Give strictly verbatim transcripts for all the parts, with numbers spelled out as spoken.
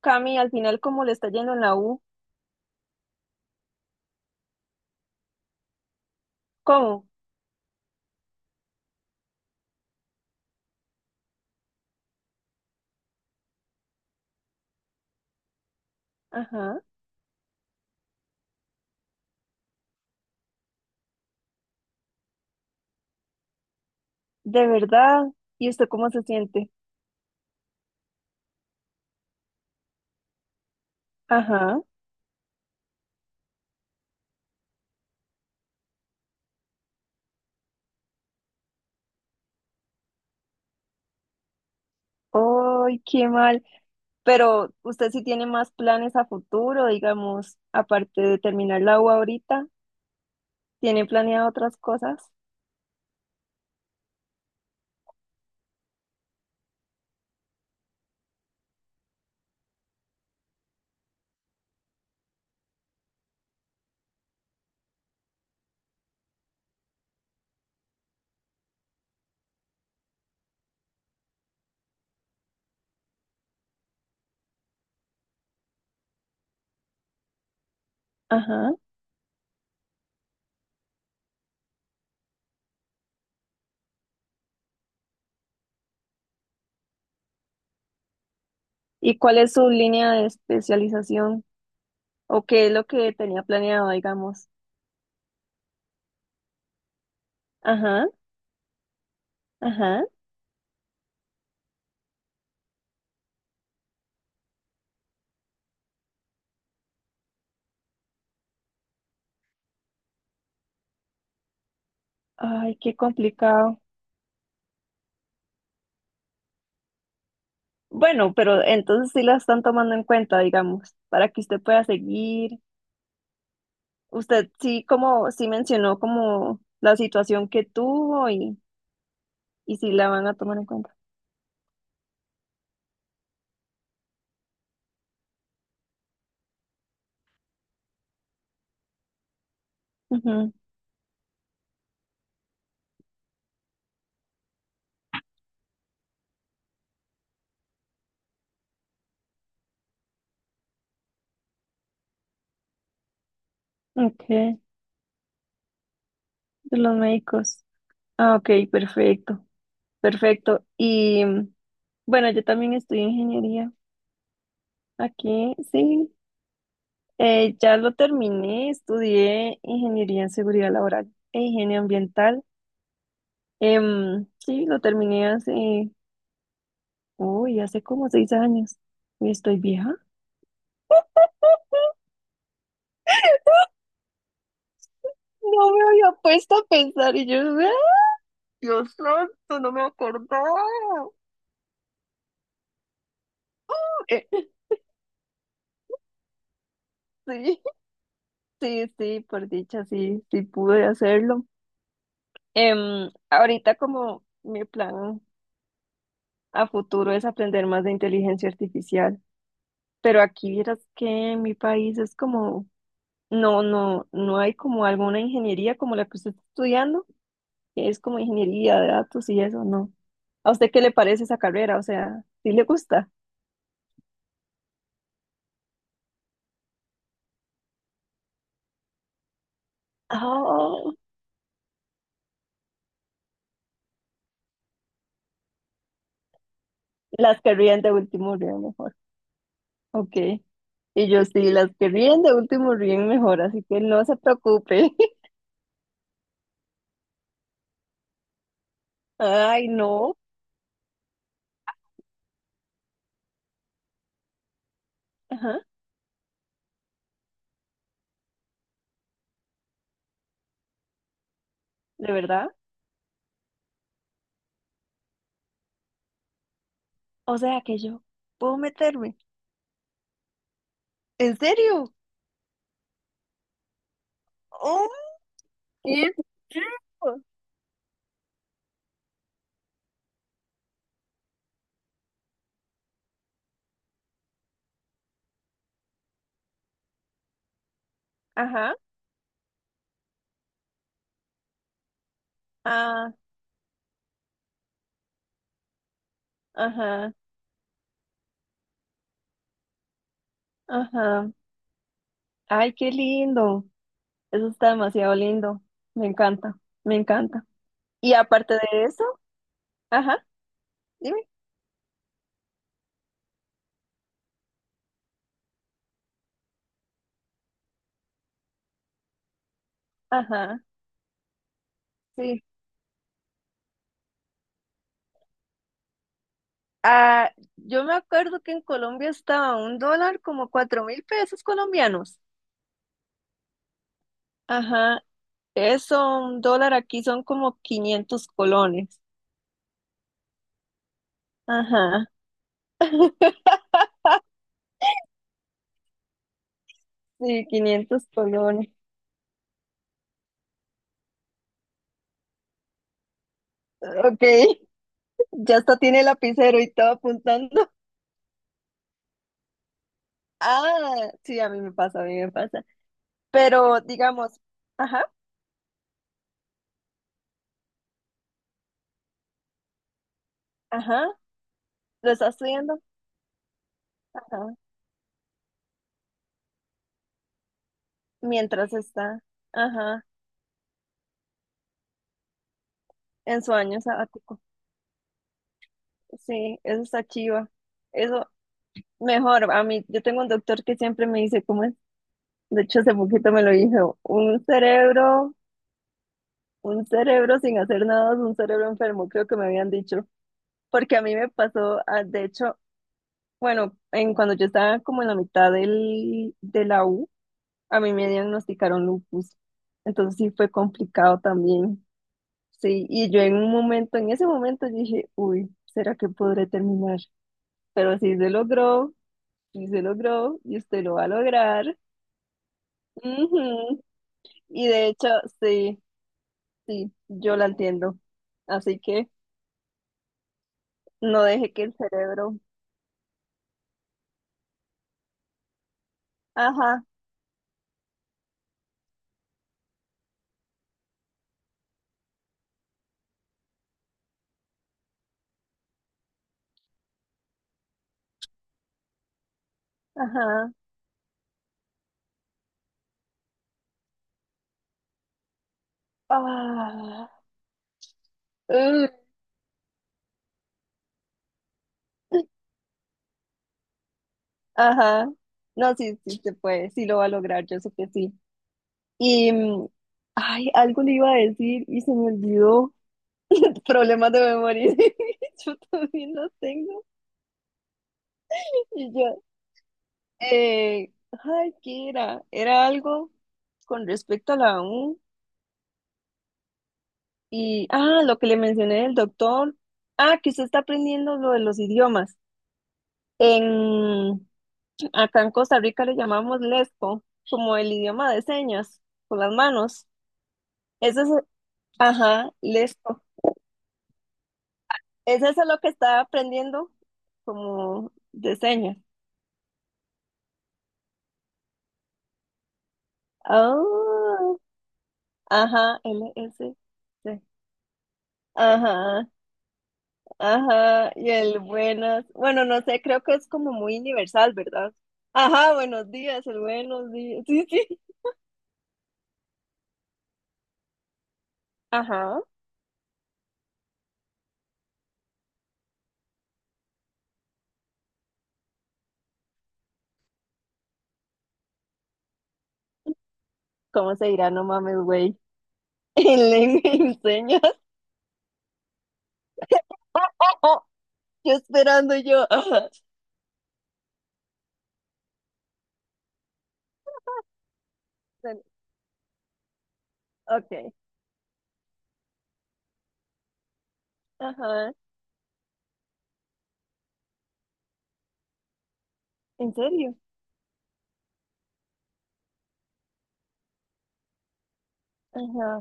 Cami, al final, ¿cómo le está yendo en la U? ¿Cómo? Ajá. ¿De verdad? ¿Y usted cómo se siente? Ajá. ¡Ay, qué mal! Pero usted sí tiene más planes a futuro, digamos, aparte de terminar la U ahorita, ¿tiene planeado otras cosas? Ajá. ¿Y cuál es su línea de especialización? ¿O qué es lo que tenía planeado, digamos? Ajá, ajá. Ay, qué complicado. Bueno, pero entonces sí la están tomando en cuenta, digamos, para que usted pueda seguir. Usted sí como sí mencionó como la situación que tuvo y, y sí la van a tomar en cuenta. Ujú, ok, de los médicos. Ah, ok, perfecto, perfecto. Y mm, bueno, yo también estudié ingeniería aquí, sí. Eh, ya lo terminé, estudié ingeniería en seguridad laboral e higiene ambiental. Em, sí, lo terminé hace, uy, hace como seis años. Uy, estoy vieja. No me había puesto a pensar y yo, Dios santo, no me acordaba. Eh, sí, sí, sí, por dicha, sí, sí pude hacerlo. Em, ahorita como mi plan a futuro es aprender más de inteligencia artificial, pero aquí vieras que en mi país es como, no, no, no hay como alguna ingeniería como la que usted está estudiando, que es como ingeniería de datos y eso, no. ¿A usted qué le parece esa carrera? O sea, ¿sí le gusta? Oh, las que ríen de último ríen. Ok. Y yo sí, las que ríen de último ríen mejor, así que no se preocupe. Ay, no. Ajá, ¿de verdad? O sea que yo puedo meterme. ¿En serio? ¡Oh! ¡Qué rico! Ajá, ah, ajá, ajá. Ay, qué lindo. Eso está demasiado lindo. Me encanta, me encanta. Y aparte de eso, ajá, dime. Ajá, sí. Ah, yo me acuerdo que en Colombia estaba un dólar como cuatro mil pesos colombianos. Ajá, eso, un dólar aquí son como quinientos colones. Ajá, sí, quinientos colones. Ok, ya hasta tiene lapicero y todo apuntando. Ah, sí, a mí me pasa, a mí me pasa. Pero digamos, ajá, ajá, lo está estudiando, ajá, mientras está, ajá, en su año sabático. Sí, eso está chiva. Eso, mejor, a mí, yo tengo un doctor que siempre me dice, ¿cómo es? De hecho, hace poquito me lo dijo, un cerebro, un cerebro sin hacer nada, es un cerebro enfermo, creo que me habían dicho, porque a mí me pasó, ah, de hecho, bueno, en cuando yo estaba como en la mitad del, de la U, a mí me diagnosticaron lupus, entonces sí fue complicado también, sí, y yo en un momento, en ese momento yo dije, uy, ¿será que podré terminar? Pero sí se logró, sí se logró, y usted lo va a lograr. Y de hecho, sí, sí, yo la entiendo. Así que no deje que el cerebro. Ajá, ajá. Ah, uh, ajá. No, sí, sí se puede, sí lo va a lograr, yo sé que sí. Y, mm, ay, algo le iba a decir y se me olvidó. Problemas de memoria. Yo también los tengo. Y yo, eh, ay, ¿qué era? Era algo con respecto a la U. Y, ah, lo que le mencioné del doctor. Ah, que usted está aprendiendo lo de los idiomas. En, acá en Costa Rica le llamamos lesco, como el idioma de señas, con las manos. Eso es, ajá, lesco. ¿Es eso lo que está aprendiendo? Como de señas. Ah, ajá, l s L S. Ajá, ajá. Y el buenas. Bueno, no sé, creo que es como muy universal, ¿verdad? Ajá, buenos días, el buenos días. Sí, sí. Ajá, ¿cómo se dirá? No mames, güey. En lengua y señas. Yo esperando yo. Ajá. Bueno, ok, ajá, ¿en serio? Ajá,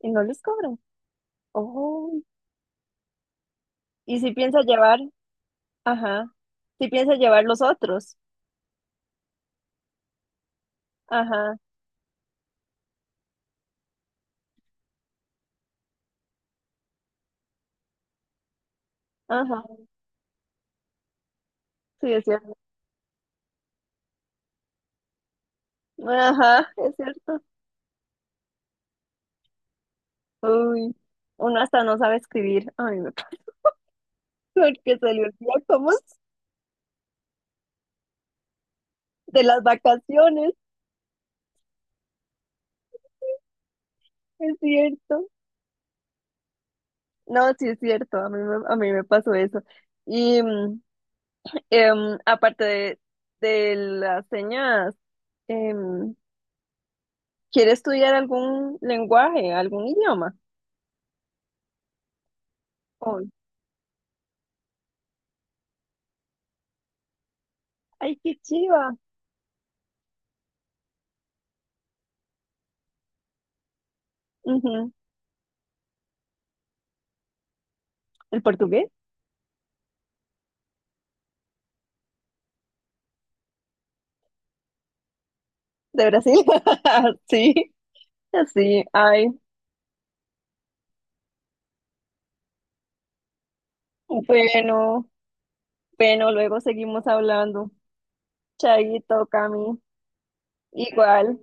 y no les cobran. Oh, y si piensa llevar, ajá, si piensa llevar los otros. Ajá, ajá, sí, es cierto. Ajá, es cierto. Uy, uno hasta no sabe escribir. Ay, no, porque se le olvida cómo es de las vacaciones, es cierto. No, sí es cierto, a mí me, a mí me pasó eso. Y mm, em, aparte de, de las señas, em, ¿quiere estudiar algún lenguaje, algún idioma? Oh, ay, qué chiva. Ujú. ¿El portugués de Brasil? Sí, sí, ay, bueno, bueno, luego seguimos hablando. Chaito, Cami, igual.